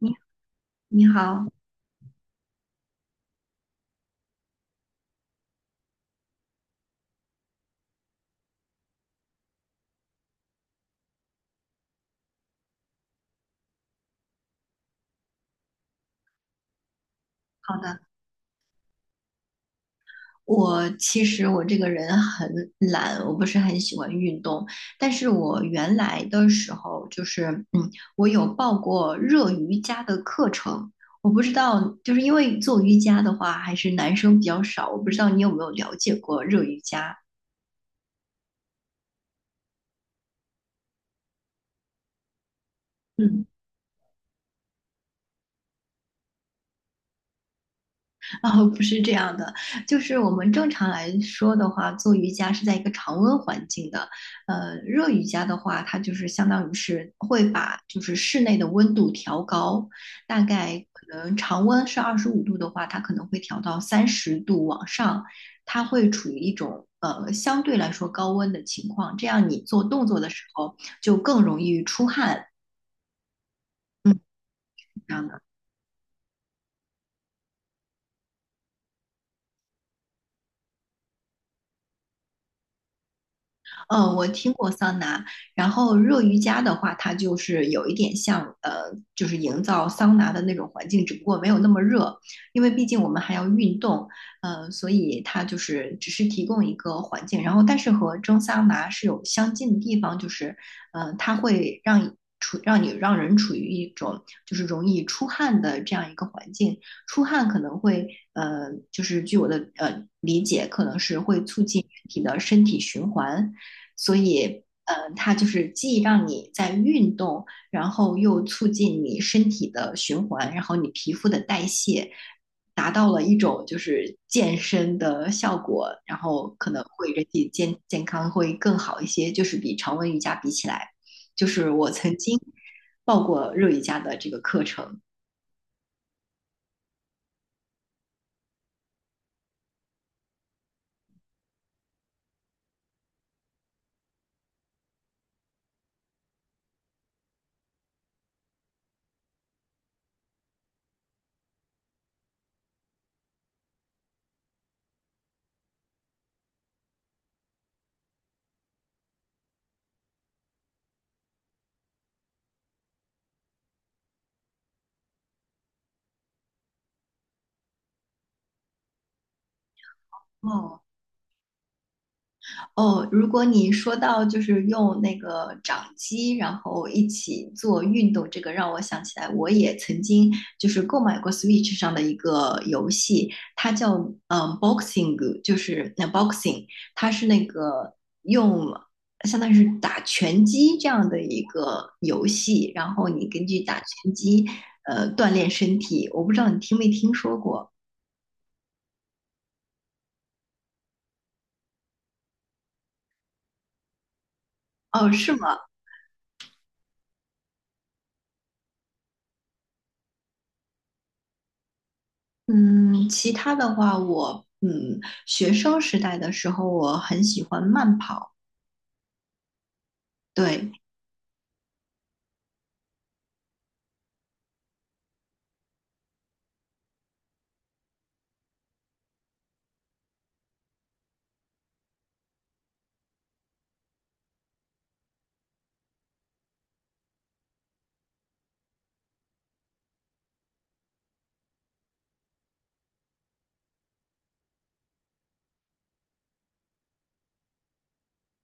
你你好，好的。其实我这个人很懒，我不是很喜欢运动，但是我原来的时候就是，嗯，我有报过热瑜伽的课程。我不知道，就是因为做瑜伽的话，还是男生比较少，我不知道你有没有了解过热瑜伽？嗯。哦，不是这样的，就是我们正常来说的话，做瑜伽是在一个常温环境的。热瑜伽的话，它就是相当于是会把就是室内的温度调高，大概可能常温是25度的话，它可能会调到30度往上，它会处于一种相对来说高温的情况，这样你做动作的时候就更容易出汗。嗯，这样的。嗯，我听过桑拿，然后热瑜伽的话，它就是有一点像就是营造桑拿的那种环境，只不过没有那么热，因为毕竟我们还要运动，所以它就是只是提供一个环境，然后但是和蒸桑拿是有相近的地方，就是它会让人处于一种就是容易出汗的这样一个环境，出汗可能会就是据我的理解，可能是会促进人体的身体循环。所以，它就是既让你在运动，然后又促进你身体的循环，然后你皮肤的代谢，达到了一种就是健身的效果，然后可能会人体健康会更好一些，就是比常温瑜伽比起来，就是我曾经报过热瑜伽的这个课程。哦，哦，如果你说到就是用那个掌机，然后一起做运动，这个让我想起来，我也曾经就是购买过 Switch 上的一个游戏，它叫boxing，就是那 boxing，它是那个用相当于是打拳击这样的一个游戏，然后你根据打拳击锻炼身体，我不知道你听没听说过。哦，是吗？嗯，其他的话我，学生时代的时候，我很喜欢慢跑，对，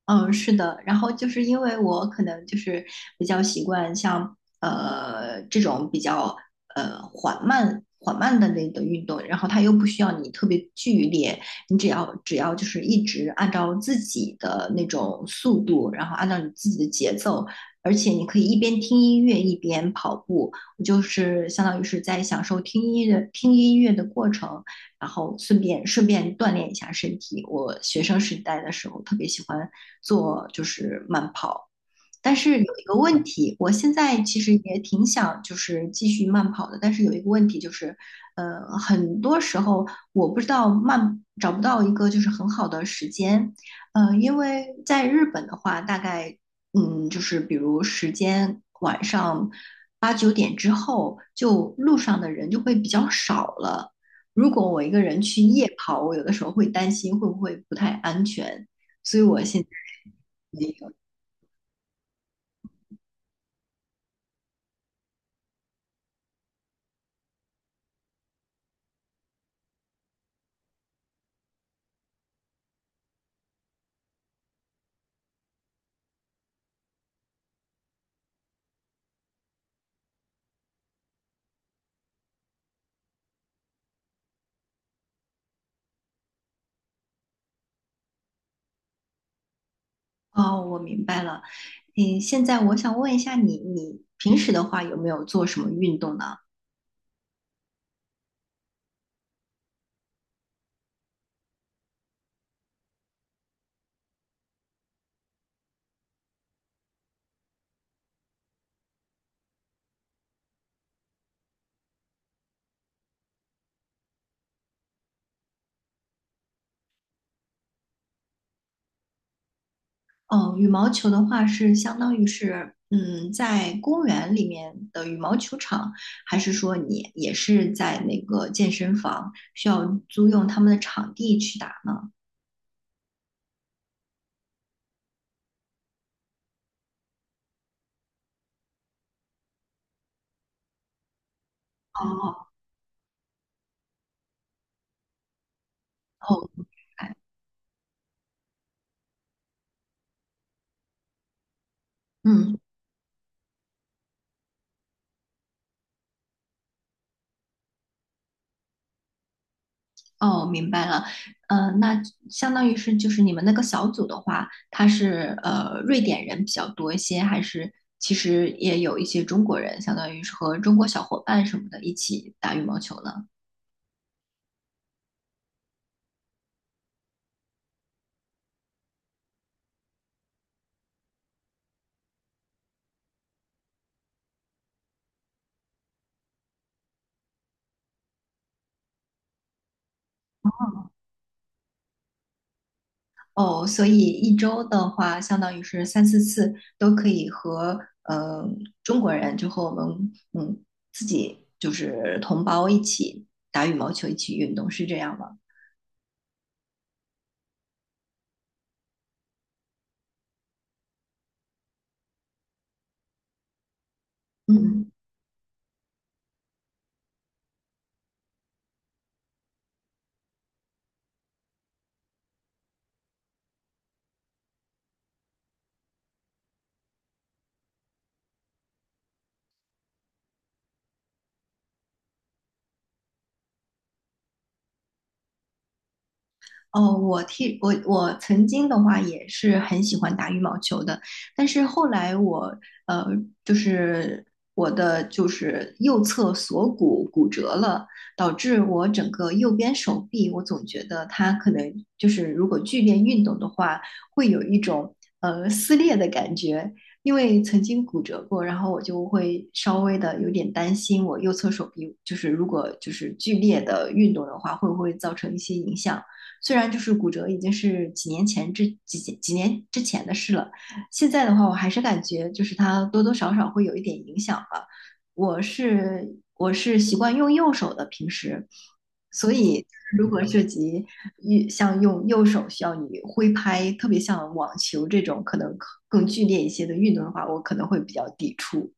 嗯，是的，然后就是因为我可能就是比较习惯像这种比较缓慢缓慢的那个运动，然后它又不需要你特别剧烈，你只要就是一直按照自己的那种速度，然后按照你自己的节奏，而且你可以一边听音乐一边跑步，我就是相当于是在享受听音乐的过程，然后顺便锻炼一下身体。我学生时代的时候特别喜欢。做就是慢跑。但是有一个问题，我现在其实也挺想就是继续慢跑的，但是有一个问题就是，很多时候我不知道找不到一个就是很好的时间，因为在日本的话，大概就是比如时间晚上八九点之后，就路上的人就会比较少了。如果我一个人去夜跑，我有的时候会担心会不会不太安全，所以我现在。哦，我明白了。嗯，现在我想问一下你，你平时的话有没有做什么运动呢？哦，羽毛球的话是相当于是，嗯，在公园里面的羽毛球场，还是说你也是在那个健身房需要租用他们的场地去打呢？哦，哦，嗯。哦，明白了。那相当于是就是你们那个小组的话，他是瑞典人比较多一些，还是其实也有一些中国人，相当于是和中国小伙伴什么的一起打羽毛球呢？哦，所以一周的话，相当于是三四次都可以和中国人，就和我们自己就是同胞一起打羽毛球，一起运动，是这样吗？嗯。哦，我替我我曾经的话也是很喜欢打羽毛球的，但是后来我呃就是我的就是右侧锁骨骨折了，导致我整个右边手臂，我总觉得它可能就是如果剧烈运动的话，会有一种撕裂的感觉，因为曾经骨折过，然后我就会稍微的有点担心，我右侧手臂就是如果就是剧烈的运动的话，会不会造成一些影响。虽然就是骨折已经是几年之前的事了，现在的话我还是感觉就是它多多少少会有一点影响吧。我是习惯用右手的平时，所以如果涉及一像用右手需要你挥拍，特别像网球这种可能更剧烈一些的运动的话，我可能会比较抵触。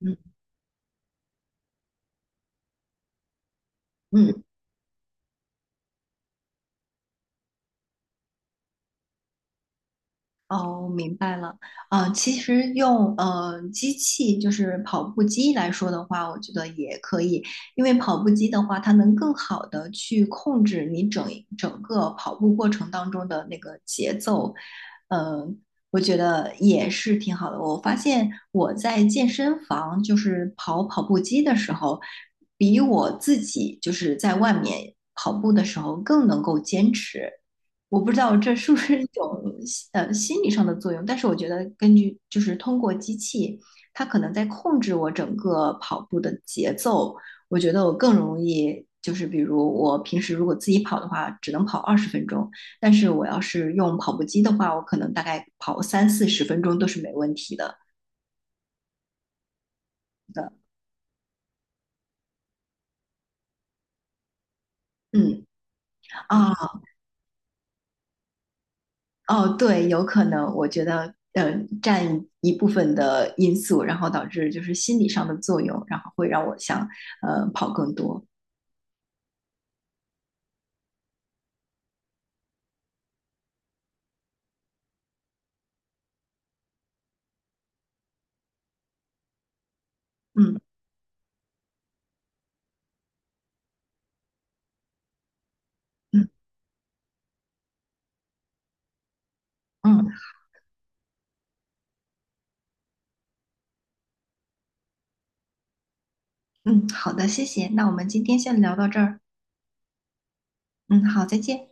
嗯嗯。哦，明白了。其实用机器，就是跑步机来说的话，我觉得也可以，因为跑步机的话，它能更好的去控制你整个跑步过程当中的那个节奏。呃，我觉得也是挺好的。我发现我在健身房就是跑跑步机的时候，比我自己就是在外面跑步的时候更能够坚持。我不知道这是不是一种心理上的作用，但是我觉得根据就是通过机器，它可能在控制我整个跑步的节奏，我觉得我更容易就是比如我平时如果自己跑的话，只能跑20分钟，但是我要是用跑步机的话，我可能大概跑三四十分钟都是没问题的。嗯啊。哦，对，有可能，我觉得，占一部分的因素，然后导致就是心理上的作用，然后会让我想，跑更多。嗯嗯嗯嗯，好的，谢谢。那我们今天先聊到这儿。嗯，好，再见。